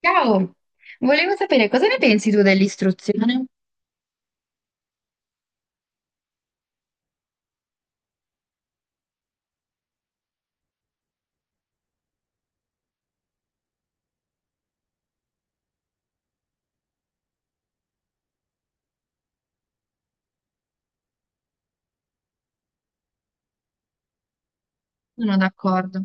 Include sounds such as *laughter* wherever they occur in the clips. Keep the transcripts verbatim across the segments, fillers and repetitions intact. Ciao, volevo sapere cosa ne pensi tu dell'istruzione? Sono d'accordo.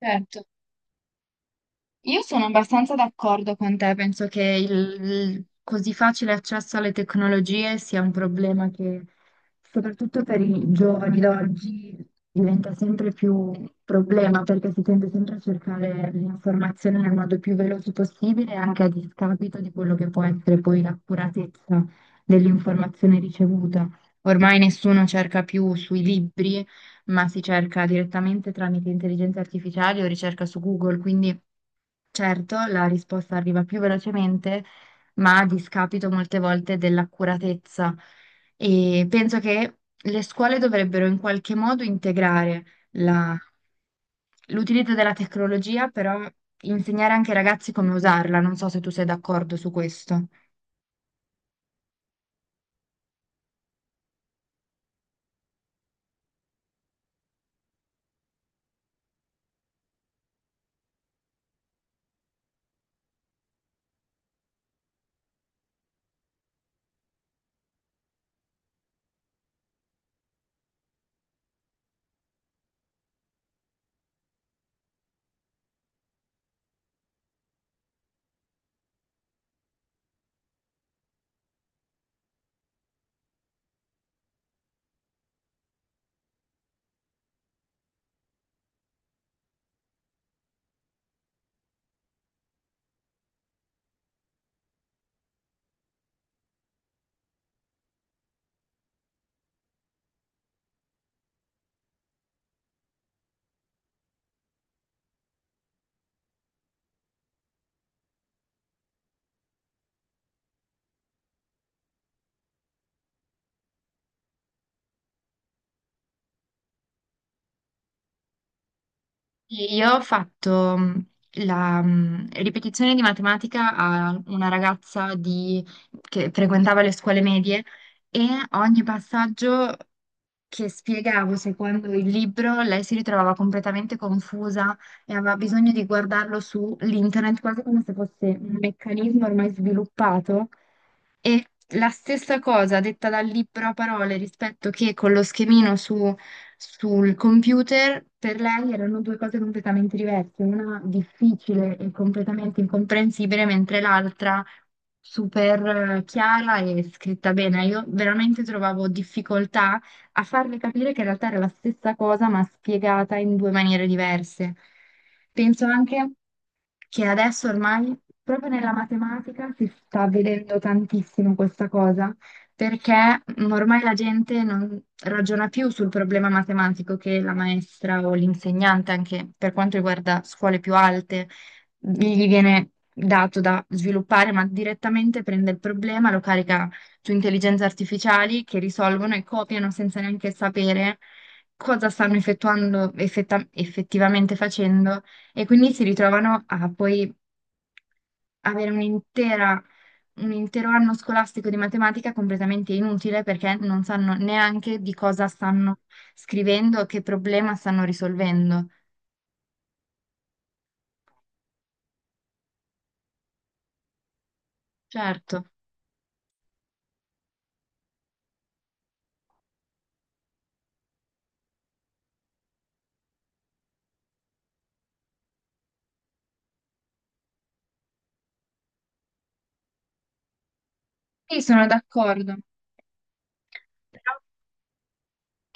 Certo. Io sono abbastanza d'accordo con te, penso che il, il così facile accesso alle tecnologie sia un problema che soprattutto per i giovani d'oggi diventa sempre più un problema perché si tende sempre a cercare l'informazione nel modo più veloce possibile, anche a discapito di quello che può essere poi l'accuratezza dell'informazione ricevuta. Ormai nessuno cerca più sui libri ma si cerca direttamente tramite intelligenza artificiale o ricerca su Google, quindi certo la risposta arriva più velocemente, ma a discapito molte volte dell'accuratezza. E penso che le scuole dovrebbero in qualche modo integrare la- l'utilizzo della tecnologia, però insegnare anche ai ragazzi come usarla. Non so se tu sei d'accordo su questo. Sì, io ho fatto mm, la mm, ripetizione di matematica a una ragazza di- che frequentava le scuole medie, e ogni passaggio che spiegavo secondo il libro, lei si ritrovava completamente confusa e aveva bisogno di guardarlo su internet, quasi come se fosse un meccanismo ormai sviluppato. E la stessa cosa detta dal libro a parole rispetto che con lo schemino su- sul computer, per lei erano due cose completamente diverse, una difficile e completamente incomprensibile, mentre l'altra super eh, chiara e scritta bene. Io veramente trovavo difficoltà a farle capire che in realtà era la stessa cosa, ma spiegata in due maniere diverse. Penso anche che adesso ormai, proprio nella matematica, si sta vedendo tantissimo questa cosa, perché mm, ormai la gente non ragiona più sul problema matematico che la maestra o l'insegnante, anche per quanto riguarda scuole più alte, gli viene dato da sviluppare, ma direttamente prende il problema, lo carica su intelligenze artificiali che risolvono e copiano senza neanche sapere cosa stanno effettuando, effetta- effettivamente facendo, e quindi si ritrovano a poi avere un'intera- un intero anno scolastico di matematica completamente inutile perché non sanno neanche di cosa stanno scrivendo, che problema stanno risolvendo. Certo, sì, sono d'accordo.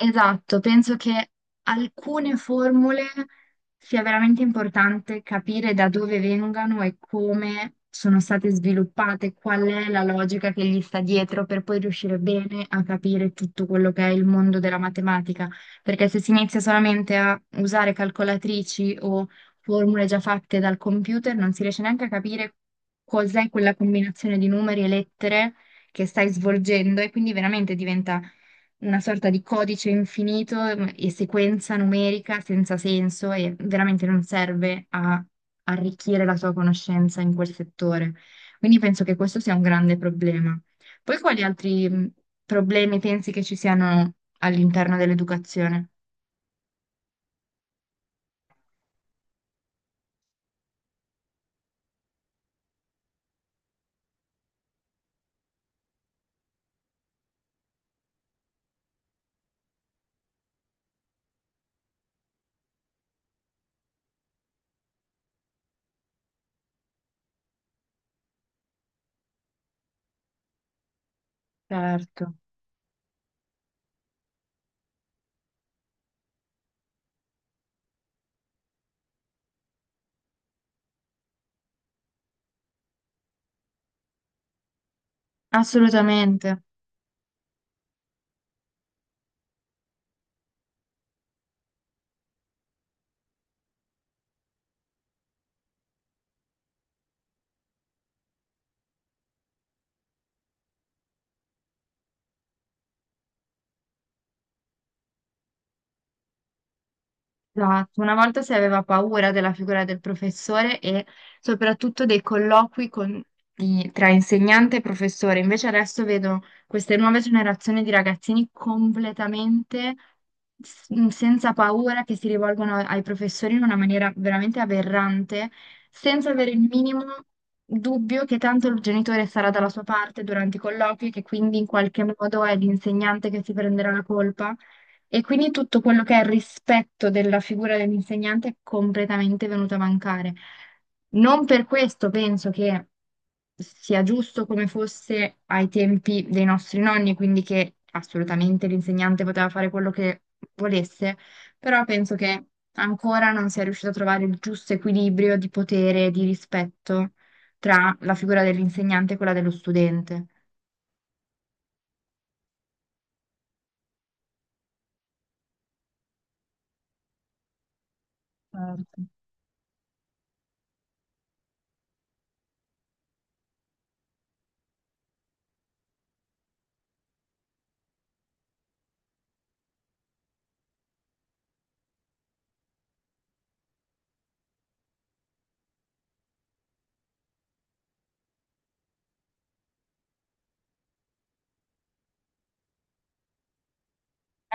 Esatto, penso che alcune formule sia veramente importante capire da dove vengano e come sono state sviluppate, qual è la logica che gli sta dietro per poi riuscire bene a capire tutto quello che è il mondo della matematica, perché se si inizia solamente a usare calcolatrici o formule già fatte dal computer, non si riesce neanche a capire cos'è quella combinazione di numeri e lettere che stai svolgendo e quindi veramente diventa una sorta di codice infinito mm, e sequenza numerica senza senso e veramente non serve a arricchire la tua conoscenza in quel settore. Quindi penso che questo sia un grande problema. Poi quali altri mm, problemi pensi che ci siano all'interno dell'educazione? Certo. Assolutamente. Esatto, una volta si aveva paura della figura del professore e soprattutto dei colloqui con- di- tra insegnante e professore, invece adesso vedo queste nuove generazioni di ragazzini completamente s- senza paura che si rivolgono ai professori in una maniera veramente aberrante, senza avere il minimo dubbio che tanto il genitore sarà dalla sua parte durante i colloqui, che quindi in qualche modo è l'insegnante che si prenderà la colpa. E quindi tutto quello che è il rispetto della figura dell'insegnante è completamente venuto a mancare. Non per questo penso che sia giusto come fosse ai tempi dei nostri nonni, quindi che assolutamente l'insegnante poteva fare quello che volesse, però penso che ancora non sia riuscito a trovare il giusto equilibrio di potere e di rispetto tra la figura dell'insegnante e quella dello studente. Certo.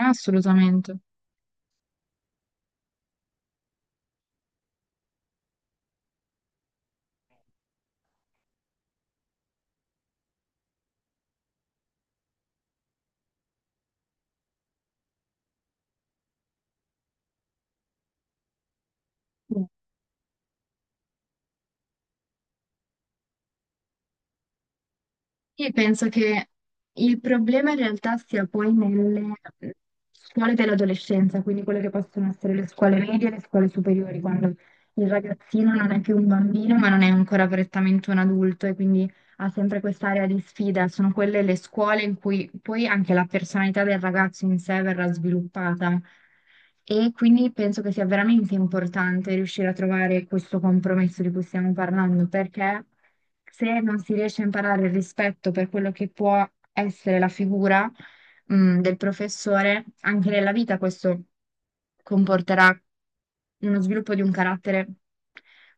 Assolutamente. Sì. Io penso che il problema in realtà sia poi nelle mhmm, scuole dell'adolescenza, quindi quelle che possono essere le scuole medie e le scuole superiori, quando il ragazzino non è più un bambino, ma non è ancora prettamente un adulto e quindi ha sempre quest'area di sfida, sono quelle le scuole in cui poi anche la personalità del ragazzo in sé verrà sviluppata. E quindi penso che sia veramente importante riuscire a trovare questo compromesso di cui stiamo parlando, perché se non si riesce a imparare il rispetto per quello che può essere la figura, mm, del professore, anche nella vita questo comporterà uno sviluppo di un carattere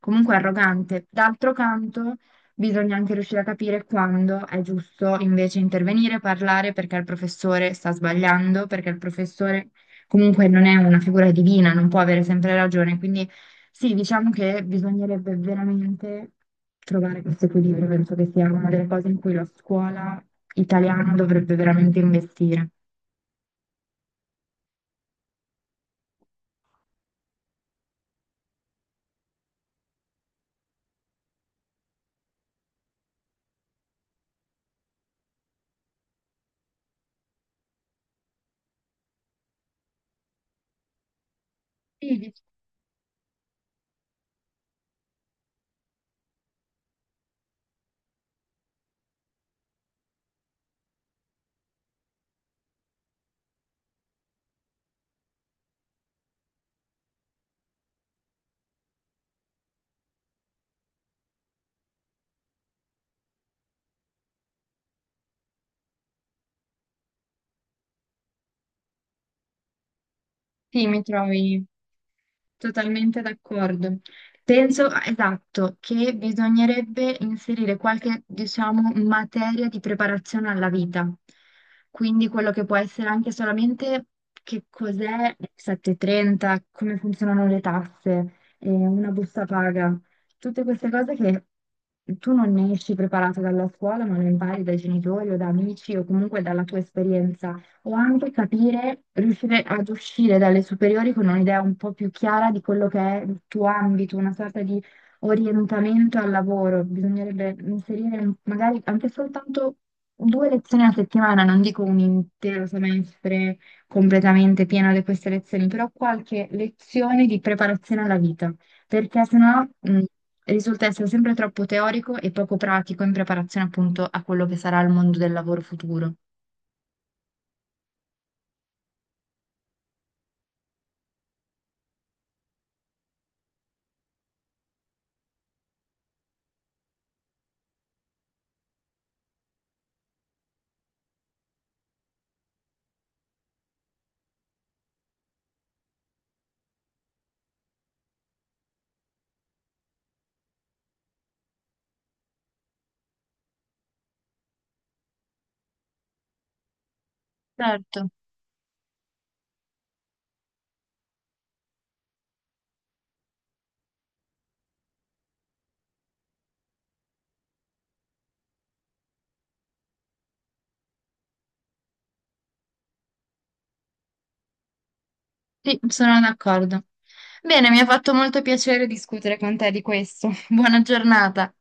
comunque arrogante. D'altro canto, bisogna anche riuscire a capire quando è giusto invece intervenire, parlare perché il professore sta sbagliando, perché il professore comunque non è una figura divina, non può avere sempre ragione. Quindi sì, diciamo che bisognerebbe veramente trovare questo equilibrio. Penso che sia una delle cose in cui la scuola italiana dovrebbe veramente investire. Sì, di- sì, mi trovi. Totalmente d'accordo. Penso, ah, esatto, che bisognerebbe inserire qualche, diciamo, materia di preparazione alla vita. Quindi quello che può essere anche solamente che cos'è il settecentotrenta, come funzionano le tasse, eh, una busta paga, tutte queste cose che tu non ne esci preparato dalla scuola, ma lo impari dai genitori o da amici o comunque dalla tua esperienza, o anche capire, riuscire ad uscire dalle superiori con un'idea un po' più chiara di quello che è il tuo ambito, una sorta di orientamento al lavoro. Bisognerebbe inserire un- magari anche soltanto due lezioni a settimana, non dico un intero semestre completamente pieno di queste lezioni, però qualche lezione di preparazione alla vita, perché sennò mh, risulta essere sempre troppo teorico e poco pratico in preparazione appunto a quello che sarà il mondo del lavoro futuro. Certo. Sì, sono d'accordo. Bene, mi ha fatto molto piacere discutere con te di questo. *laughs* Buona giornata.